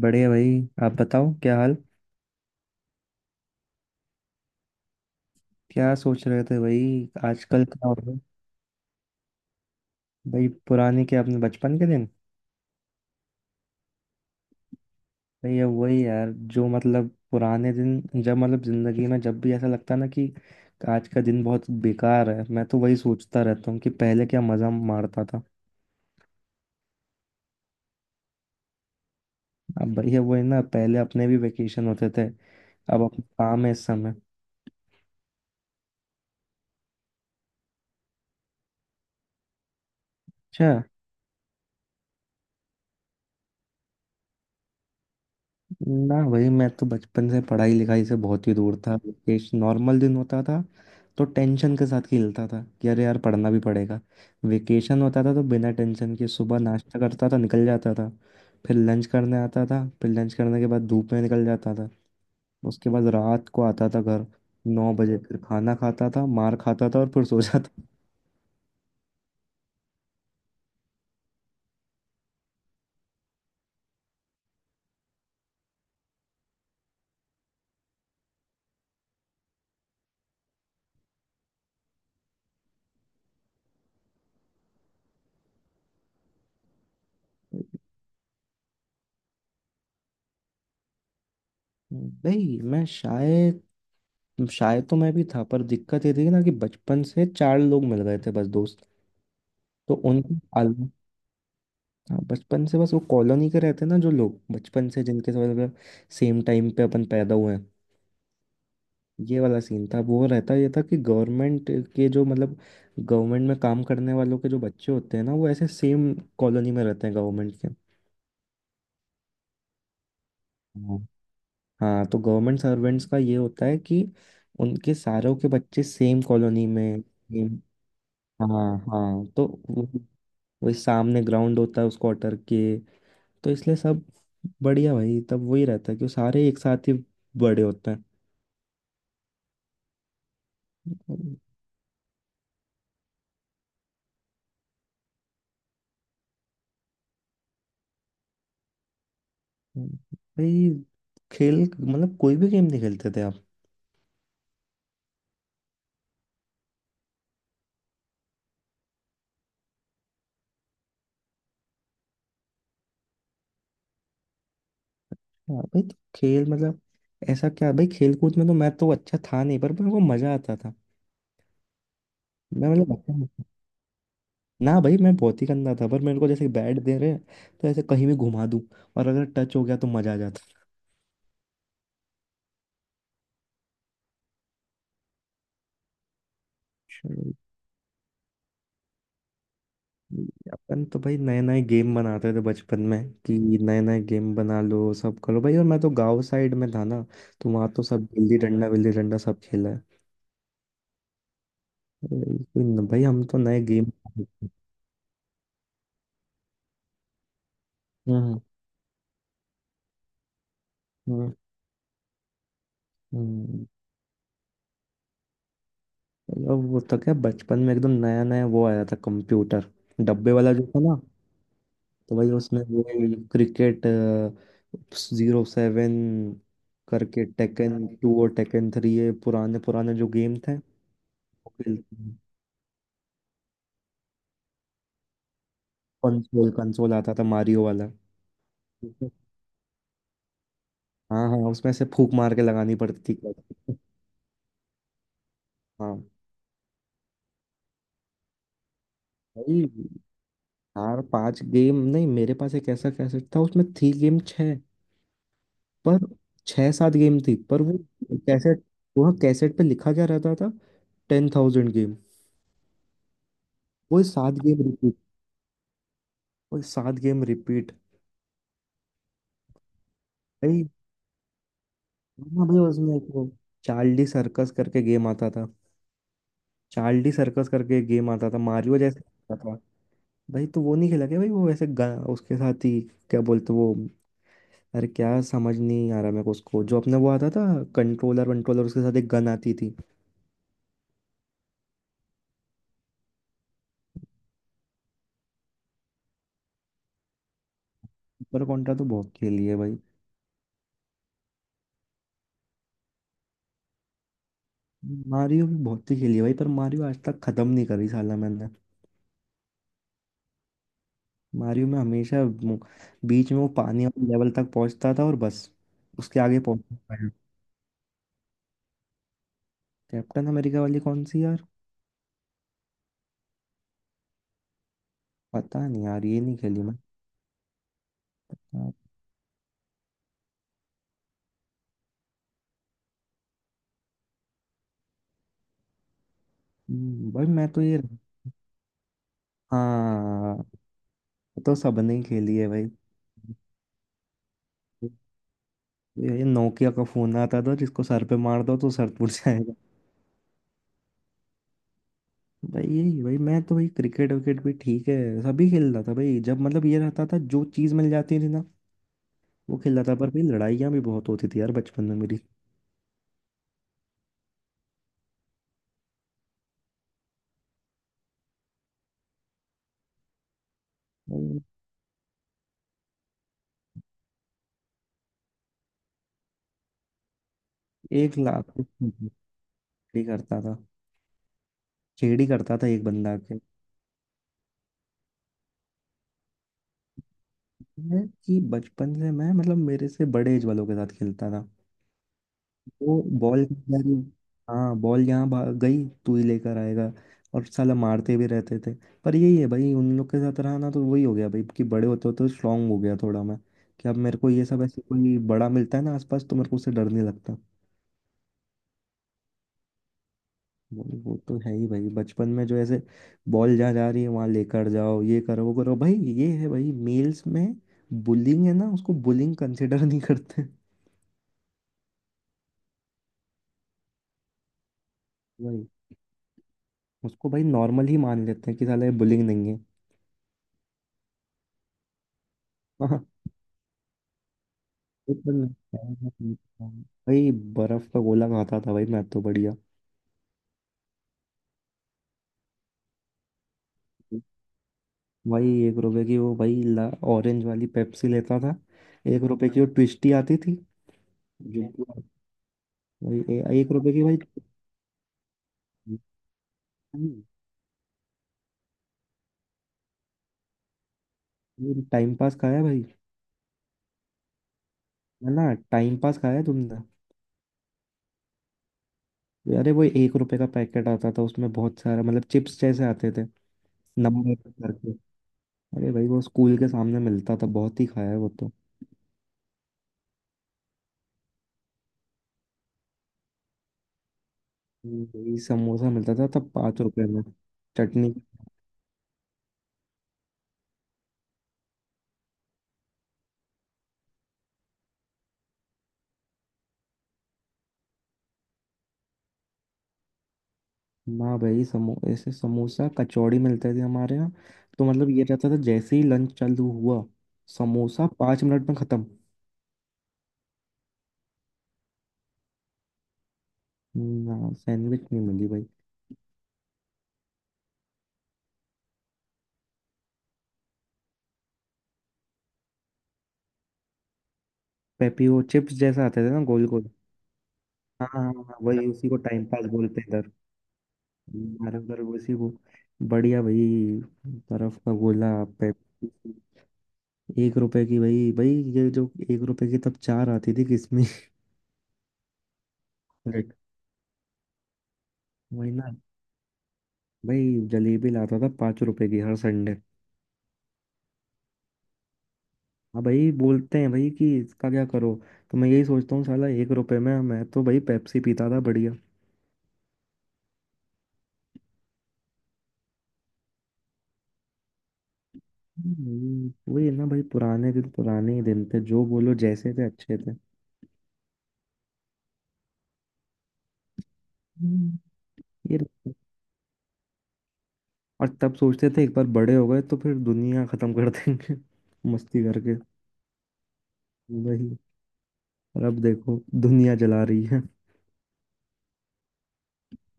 बढ़िया भाई, आप बताओ क्या हाल। क्या सोच रहे थे भाई? आजकल क्या हो रहा है? भाई पुराने के अपने बचपन के दिन। भाई ये वही यार जो मतलब पुराने दिन, जब मतलब जिंदगी में जब भी ऐसा लगता है ना कि आज का दिन बहुत बेकार है, मैं तो वही सोचता रहता हूँ कि पहले क्या मजा मारता था। अब भाई ये वही ना, पहले अपने भी वेकेशन होते थे। अब अपने काम है इस समय। अच्छा। ना भाई, मैं तो बचपन से पढ़ाई लिखाई से बहुत ही दूर था। वेकेशन नॉर्मल दिन होता था, तो टेंशन के साथ खेलता था कि अरे यार पढ़ना भी पड़ेगा। वेकेशन होता था तो बिना टेंशन के सुबह नाश्ता करता था, निकल जाता था। फिर लंच करने आता था, फिर लंच करने के बाद धूप में निकल जाता था। उसके बाद रात को आता था घर, 9 बजे फिर खाना खाता था, मार खाता था और फिर सो जाता। भाई मैं शायद। शायद तो मैं भी था, पर दिक्कत ये थी ना कि बचपन से चार लोग मिल गए थे बस दोस्त, तो उनकी। हाँ, बचपन से बस वो कॉलोनी के रहते हैं ना, जो लोग बचपन से जिनके साथ मतलब सेम टाइम पे अपन पैदा हुए हैं। ये वाला सीन था, वो रहता ये था कि गवर्नमेंट के जो मतलब गवर्नमेंट में काम करने वालों के जो बच्चे होते हैं ना, वो ऐसे सेम कॉलोनी में रहते हैं गवर्नमेंट के। हाँ हाँ, तो गवर्नमेंट सर्वेंट्स का ये होता है कि उनके सारों के बच्चे सेम कॉलोनी में सेम। हाँ हाँ, तो वो वही सामने ग्राउंड होता है उस क्वार्टर के, तो इसलिए सब बढ़िया भाई, तब वही रहता है कि सारे एक साथ ही बड़े होते हैं। भाई खेल मतलब कोई भी गेम नहीं खेलते थे आप? हाँ भाई, तो खेल मतलब ऐसा क्या भाई, खेल कूद में तो मैं तो अच्छा था नहीं, पर मेरे को मजा आता था। मैं मतलब अच्छा। ना भाई, मैं बहुत ही गंदा था, पर मेरे को जैसे बैट दे रहे हैं तो ऐसे कहीं भी घुमा दूं, और अगर टच हो गया तो मजा आ जाता। अपन तो भाई नए नए गेम बनाते थे बचपन में कि नए नए गेम बना लो, सब करो भाई। और मैं तो गांव साइड में था ना, तो वहाँ तो सब गिल्ली डंडा विल्ली डंडा सब खेला है। भाई भाई, हम तो नए गेम। हम्म। हम्म। हम्म। और वो तो क्या, बचपन में एकदम नया नया वो आया था कंप्यूटर, डब्बे वाला जो था ना। तो भाई उसमें वो क्रिकेट 07 करके, टेकन 2 और टेकन 3, ये पुराने पुराने जो गेम थे। वो खेलते। कंसोल कंसोल आता था मारियो वाला। हाँ हाँ, उसमें से फूक मार के लगानी पड़ती थी। हाँ भाई। चार पांच गेम नहीं, मेरे पास एक ऐसा कैसेट था, उसमें थी गेम छः। पर छः सात गेम थी, पर वो कैसेट, वो कैसेट पे लिखा क्या रहता था? 10,000 गेम। वो सात गेम रिपीट, वो सात गेम रिपीट भाई। हाँ भाई उसमें एक वो चार्ली सर्कस करके गेम आता था। चार्ली सर्कस करके गेम आता था, मारियो जैसे आता था। भाई तो वो नहीं खेला क्या भाई? वो वैसे उसके साथ ही, क्या बोलते वो? अरे क्या समझ नहीं आ रहा मेरे को, उसको जो अपने वो आता था कंट्रोलर वंट्रोलर, उसके साथ एक गन आती थी। सुपर कॉन्ट्रा तो बहुत खेली है भाई। मारियो भी बहुत ही खेली है भाई, पर मारियो आज तक खत्म नहीं करी साला मैंने। मारियो में हमेशा बीच में वो पानी वाले लेवल तक पहुंचता था और बस, उसके आगे पहुंचता था। कैप्टन अमेरिका वाली कौन सी यार? पता नहीं यार, ये नहीं खेली मैं। भाई मैं तो ये, हाँ, ये तो सबने ही खेली है भाई। ये नोकिया का फोन आता था जिसको सर पे मार दो तो सर टूट जाएगा। भाई यही भाई, मैं तो भाई क्रिकेट विकेट भी ठीक है, सभी खेलता था भाई। जब मतलब ये रहता था जो चीज़ मिल जाती थी ना, वो खेलता था। पर भाई लड़ाइयाँ भी बहुत होती थी यार, बचपन में मेरी। भाई, एक लाख ही करता था, खेड़ी करता था एक बंदा के। मैं कि बचपन से मैं मतलब मेरे से बड़े एज वालों के साथ खेलता था। वो बॉल यार, हाँ बॉल यहाँ गई तू ही लेकर आएगा। और साला मारते भी रहते थे। पर यही है भाई, उन लोग के साथ रहा ना तो वही हो गया भाई कि बड़े होते होते स्ट्रांग हो गया थोड़ा मैं, कि अब मेरे को ये सब ऐसे कोई बड़ा मिलता है ना आसपास, तो मेरे को उससे डर नहीं लगता। वो तो है ही भाई, बचपन में जो ऐसे बॉल जहाँ जा रही है वहाँ लेकर जाओ, ये करो वो करो भाई। ये है भाई, मेल्स में बुलिंग है ना, उसको बुलिंग कंसिडर नहीं करते। भाई, उसको भाई नॉर्मल ही मान लेते हैं कि साला ये बुलिंग नहीं है एकदम अच्छा। भाई बर्फ का गोला खाता था भाई, मैं तो बढ़िया। भाई 1 रुपए की वो भाई ला, ऑरेंज वाली पेप्सी लेता था। एक रुपए की वो ट्विस्टी आती थी जो, भाई 1 रुपए की भाई। टाइम पास खाया भाई। है ना? टाइम पास खाया तुमने? अरे वो 1 रुपए का पैकेट आता था, उसमें बहुत सारा मतलब चिप्स जैसे आते थे, नंबर करके। अरे भाई वो स्कूल के सामने मिलता था, बहुत ही खाया है वो तो। वही समोसा मिलता था तब 5 रुपए में, चटनी। ना भाई समो ऐसे समोसा कचौड़ी मिलते थे हमारे यहाँ। तो मतलब ये रहता था जैसे ही लंच चालू हुआ, समोसा 5 मिनट में खत्म। ना सैंडविच नहीं मिली भाई। पेपी वो चिप्स जैसा आते थे ना, गोल गोल। हाँ हाँ हाँ, हाँ, वही, उसी को टाइम पास बोलते हैं इधर, हमारे उधर उसी को। बढ़िया भाई, बर्फ का गोला, पेप एक रुपए की भाई भाई। ये जो एक रुपए की तब चार आती थी किसमें? रेट वही ना। भाई जलेबी लाता था 5 रुपए की हर संडे। हाँ भाई बोलते हैं भाई कि इसका क्या करो। तो मैं यही सोचता हूँ साला 1 रुपए में मैं तो भाई पेप्सी पीता था बढ़िया। वही है ना भाई, पुराने दिन पुराने ही दिन थे, जो बोलो जैसे थे अच्छे थे। हम्म। ये लगता है। और तब सोचते थे एक बार बड़े हो गए तो फिर दुनिया खत्म कर देंगे। मस्ती करके वही, और अब देखो दुनिया जला रही है।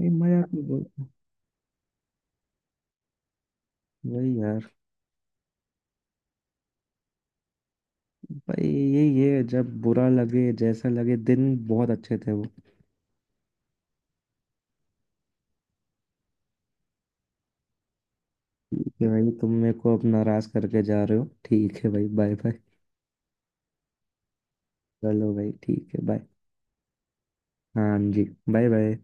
ये मजाक में बोलते हैं। वही यार, भाई यही है, जब बुरा लगे जैसा लगे, दिन बहुत अच्छे थे वो। ठीक है भाई, तुम मेरे को अब नाराज करके जा रहे हो? ठीक है भाई, बाय बाय। चलो भाई ठीक है बाय। हाँ जी, बाय बाय।